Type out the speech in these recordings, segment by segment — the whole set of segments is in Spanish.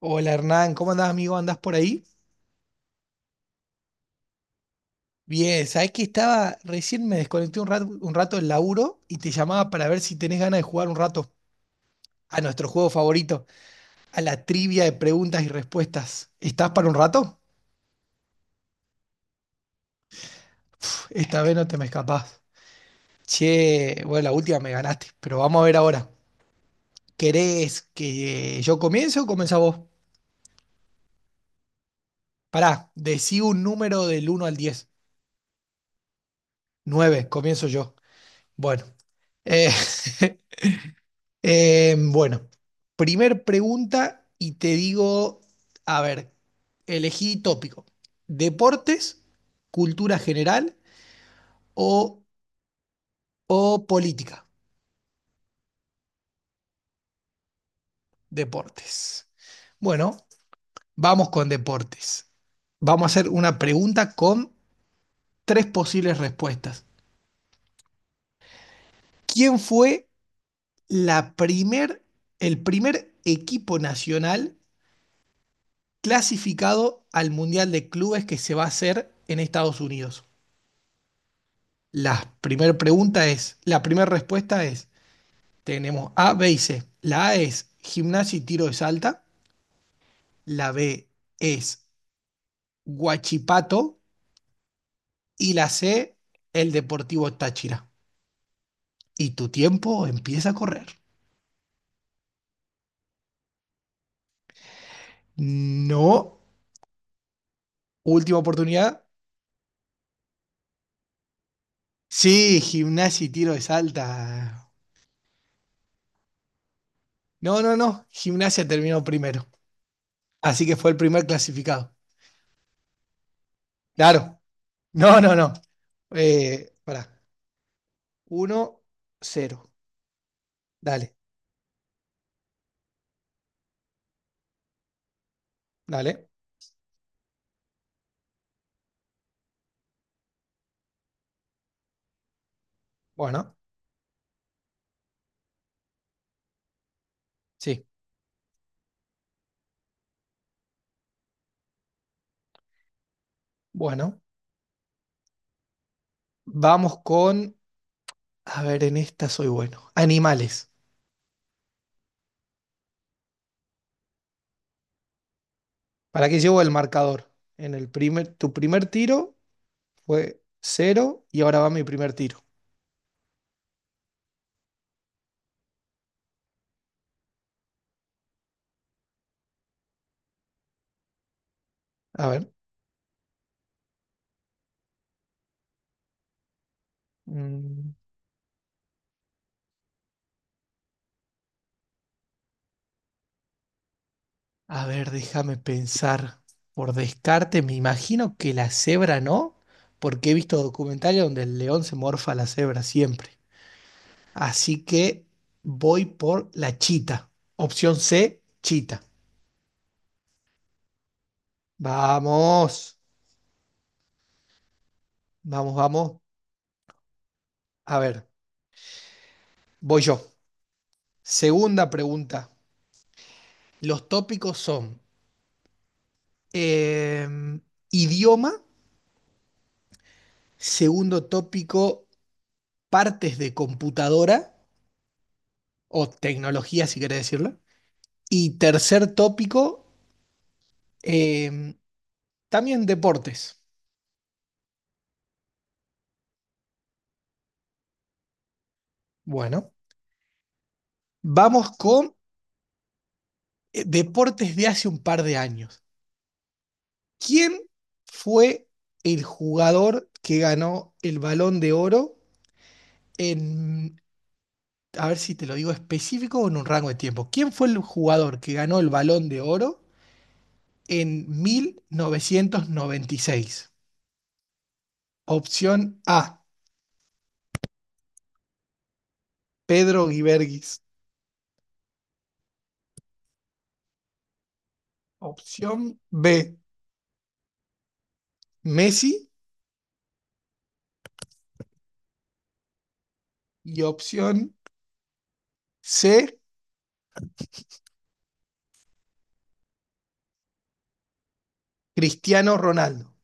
Hola Hernán, ¿cómo andás amigo? ¿Andás por ahí? Bien, sabés que estaba, recién me desconecté un rato, del laburo y te llamaba para ver si tenés ganas de jugar un rato a nuestro juego favorito, a la trivia de preguntas y respuestas. ¿Estás para un rato? Esta vez no te me escapás. Che, bueno, la última me ganaste, pero vamos a ver ahora. ¿Querés que yo comience o comenzás vos? Pará, decí un número del uno al 10. 9, comienzo yo. Bueno. eh, bueno, primer pregunta y te digo, a ver, elegí tópico, deportes, cultura general o, o política, deportes. Bueno, vamos con deportes. Vamos a hacer una pregunta con tres posibles respuestas. ¿Quién fue la primer, el primer equipo nacional clasificado al Mundial de Clubes que se va a hacer en Estados Unidos? La primera respuesta es, tenemos A, B y C. La A es gimnasia y tiro de salta, la B es Huachipato y la C, el Deportivo Táchira. Y tu tiempo empieza a correr. No, última oportunidad. Sí, gimnasia y tiro de salta. No, no, no, gimnasia terminó primero. Así que fue el primer clasificado. Claro. No, no, no. Pará. 1-0. Dale, dale. Bueno, sí. Bueno, vamos con, a ver, en esta soy bueno. Animales. ¿Para qué llevo el marcador? En el primer, tu primer tiro fue cero y ahora va mi primer tiro. A ver. mm, a ver, déjame pensar. Por descarte, me imagino que la cebra no, porque he visto documentales donde el león se morfa a la cebra siempre. Así que voy por la chita. Opción C, chita. Vamos. Vamos, vamos. A ver, voy yo. Segunda pregunta. Los tópicos son eh, idioma, segundo tópico, partes de computadora o tecnología, si querés decirlo. Y tercer tópico, eh, también deportes. Bueno, vamos con deportes de hace un par de años. ¿Quién fue el jugador que ganó el Balón de Oro en a ver si te lo digo específico o en un rango de tiempo. ¿Quién fue el jugador que ganó el Balón de Oro en 1996? Opción A, Pedro Guiberguis. Opción B, Messi. Y opción C, Cristiano Ronaldo.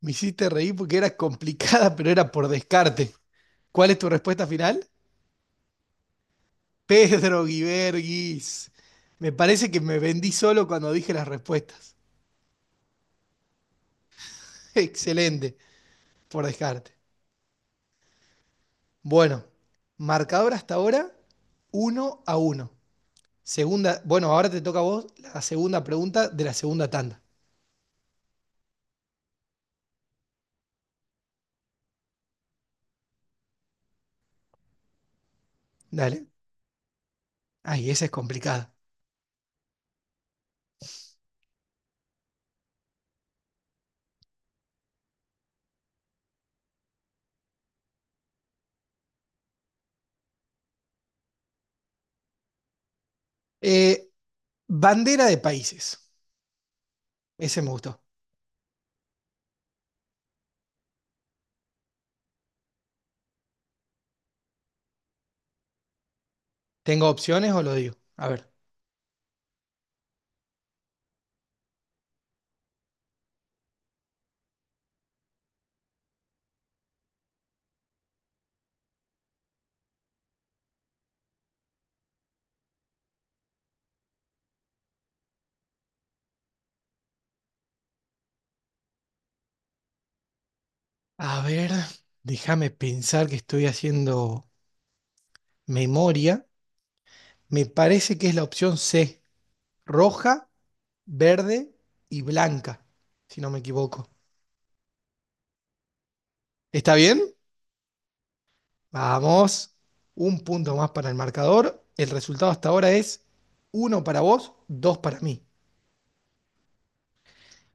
Me hiciste reír porque era complicada, pero era por descarte. ¿Cuál es tu respuesta final? Pedro Guiberguis. Me parece que me vendí solo cuando dije las respuestas. Excelente, por descarte. Bueno, marcador hasta ahora, uno a uno. Ahora te toca a vos la segunda pregunta de la segunda tanda. Dale. Ay, esa es complicada. Eh, bandera de países. Ese me gustó. ¿Tengo opciones o lo digo? A ver. A ver, déjame pensar que estoy haciendo memoria. Me parece que es la opción C. Roja, verde y blanca, si no me equivoco. ¿Está bien? Vamos, un punto más para el marcador. El resultado hasta ahora es uno para vos, dos para mí.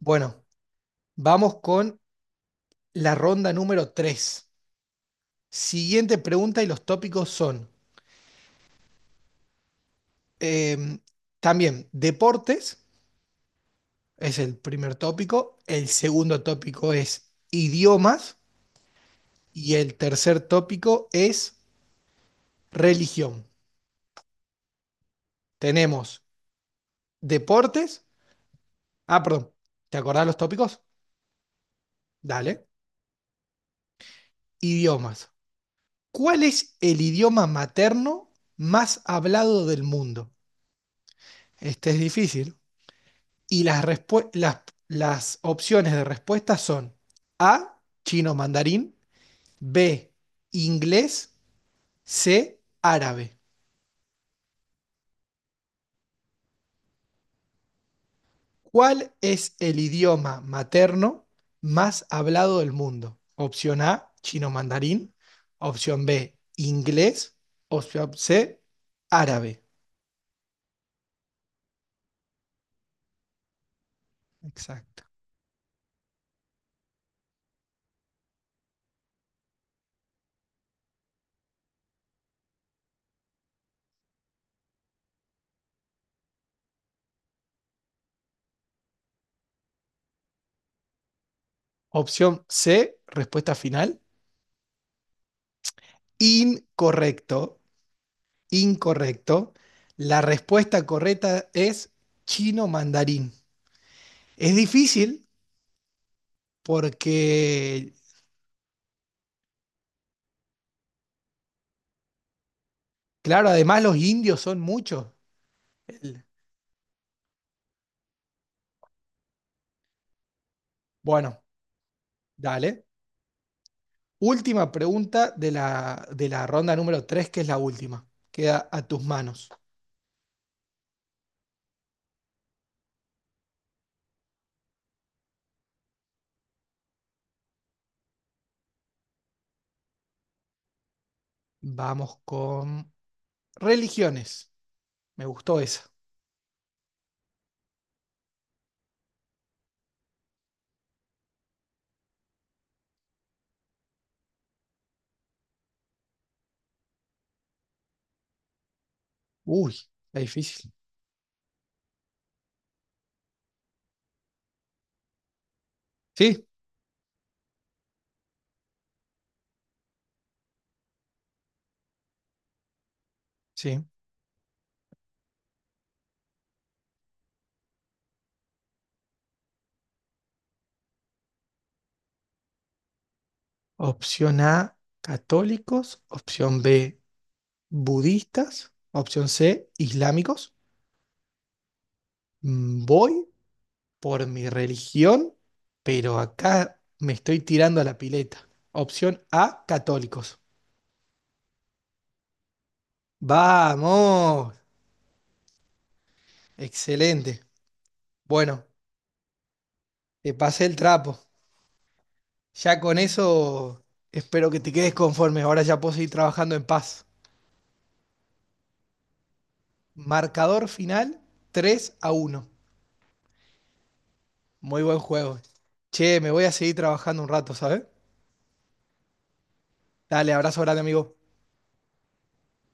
Bueno, vamos con la ronda número 3. Siguiente pregunta y los tópicos son eh, también deportes, es el primer tópico. El segundo tópico es idiomas y el tercer tópico es religión. Tenemos deportes. Ah, perdón, ¿te acordás los tópicos? Dale. Idiomas ¿Cuál es el idioma materno más hablado del mundo? Este es difícil. Y las opciones de respuesta son A, chino mandarín, B, inglés, C, árabe. ¿Cuál es el idioma materno más hablado del mundo? Opción A, chino mandarín, opción B, inglés, opción C, árabe. Exacto. Opción C, respuesta final. Incorrecto, incorrecto. La respuesta correcta es chino mandarín. Es difícil porque, claro, además los indios son muchos. El- Bueno, dale. Última pregunta de de la ronda número 3, que es la última. Queda a tus manos. Vamos con religiones. Me gustó esa. Uy, está difícil. Sí, sí. Opción A, católicos. Opción B, budistas, opción C, islámicos. Mm, voy por mi religión, pero acá me estoy tirando a la pileta. Opción A, católicos. Vamos, excelente. Bueno, te pasé el trapo. Ya con eso espero que te quedes conforme. Ahora ya puedo seguir trabajando en paz. Marcador final tres a uno, muy buen juego. Che, me voy a seguir trabajando un rato, ¿sabes? Dale, abrazo grande, amigo.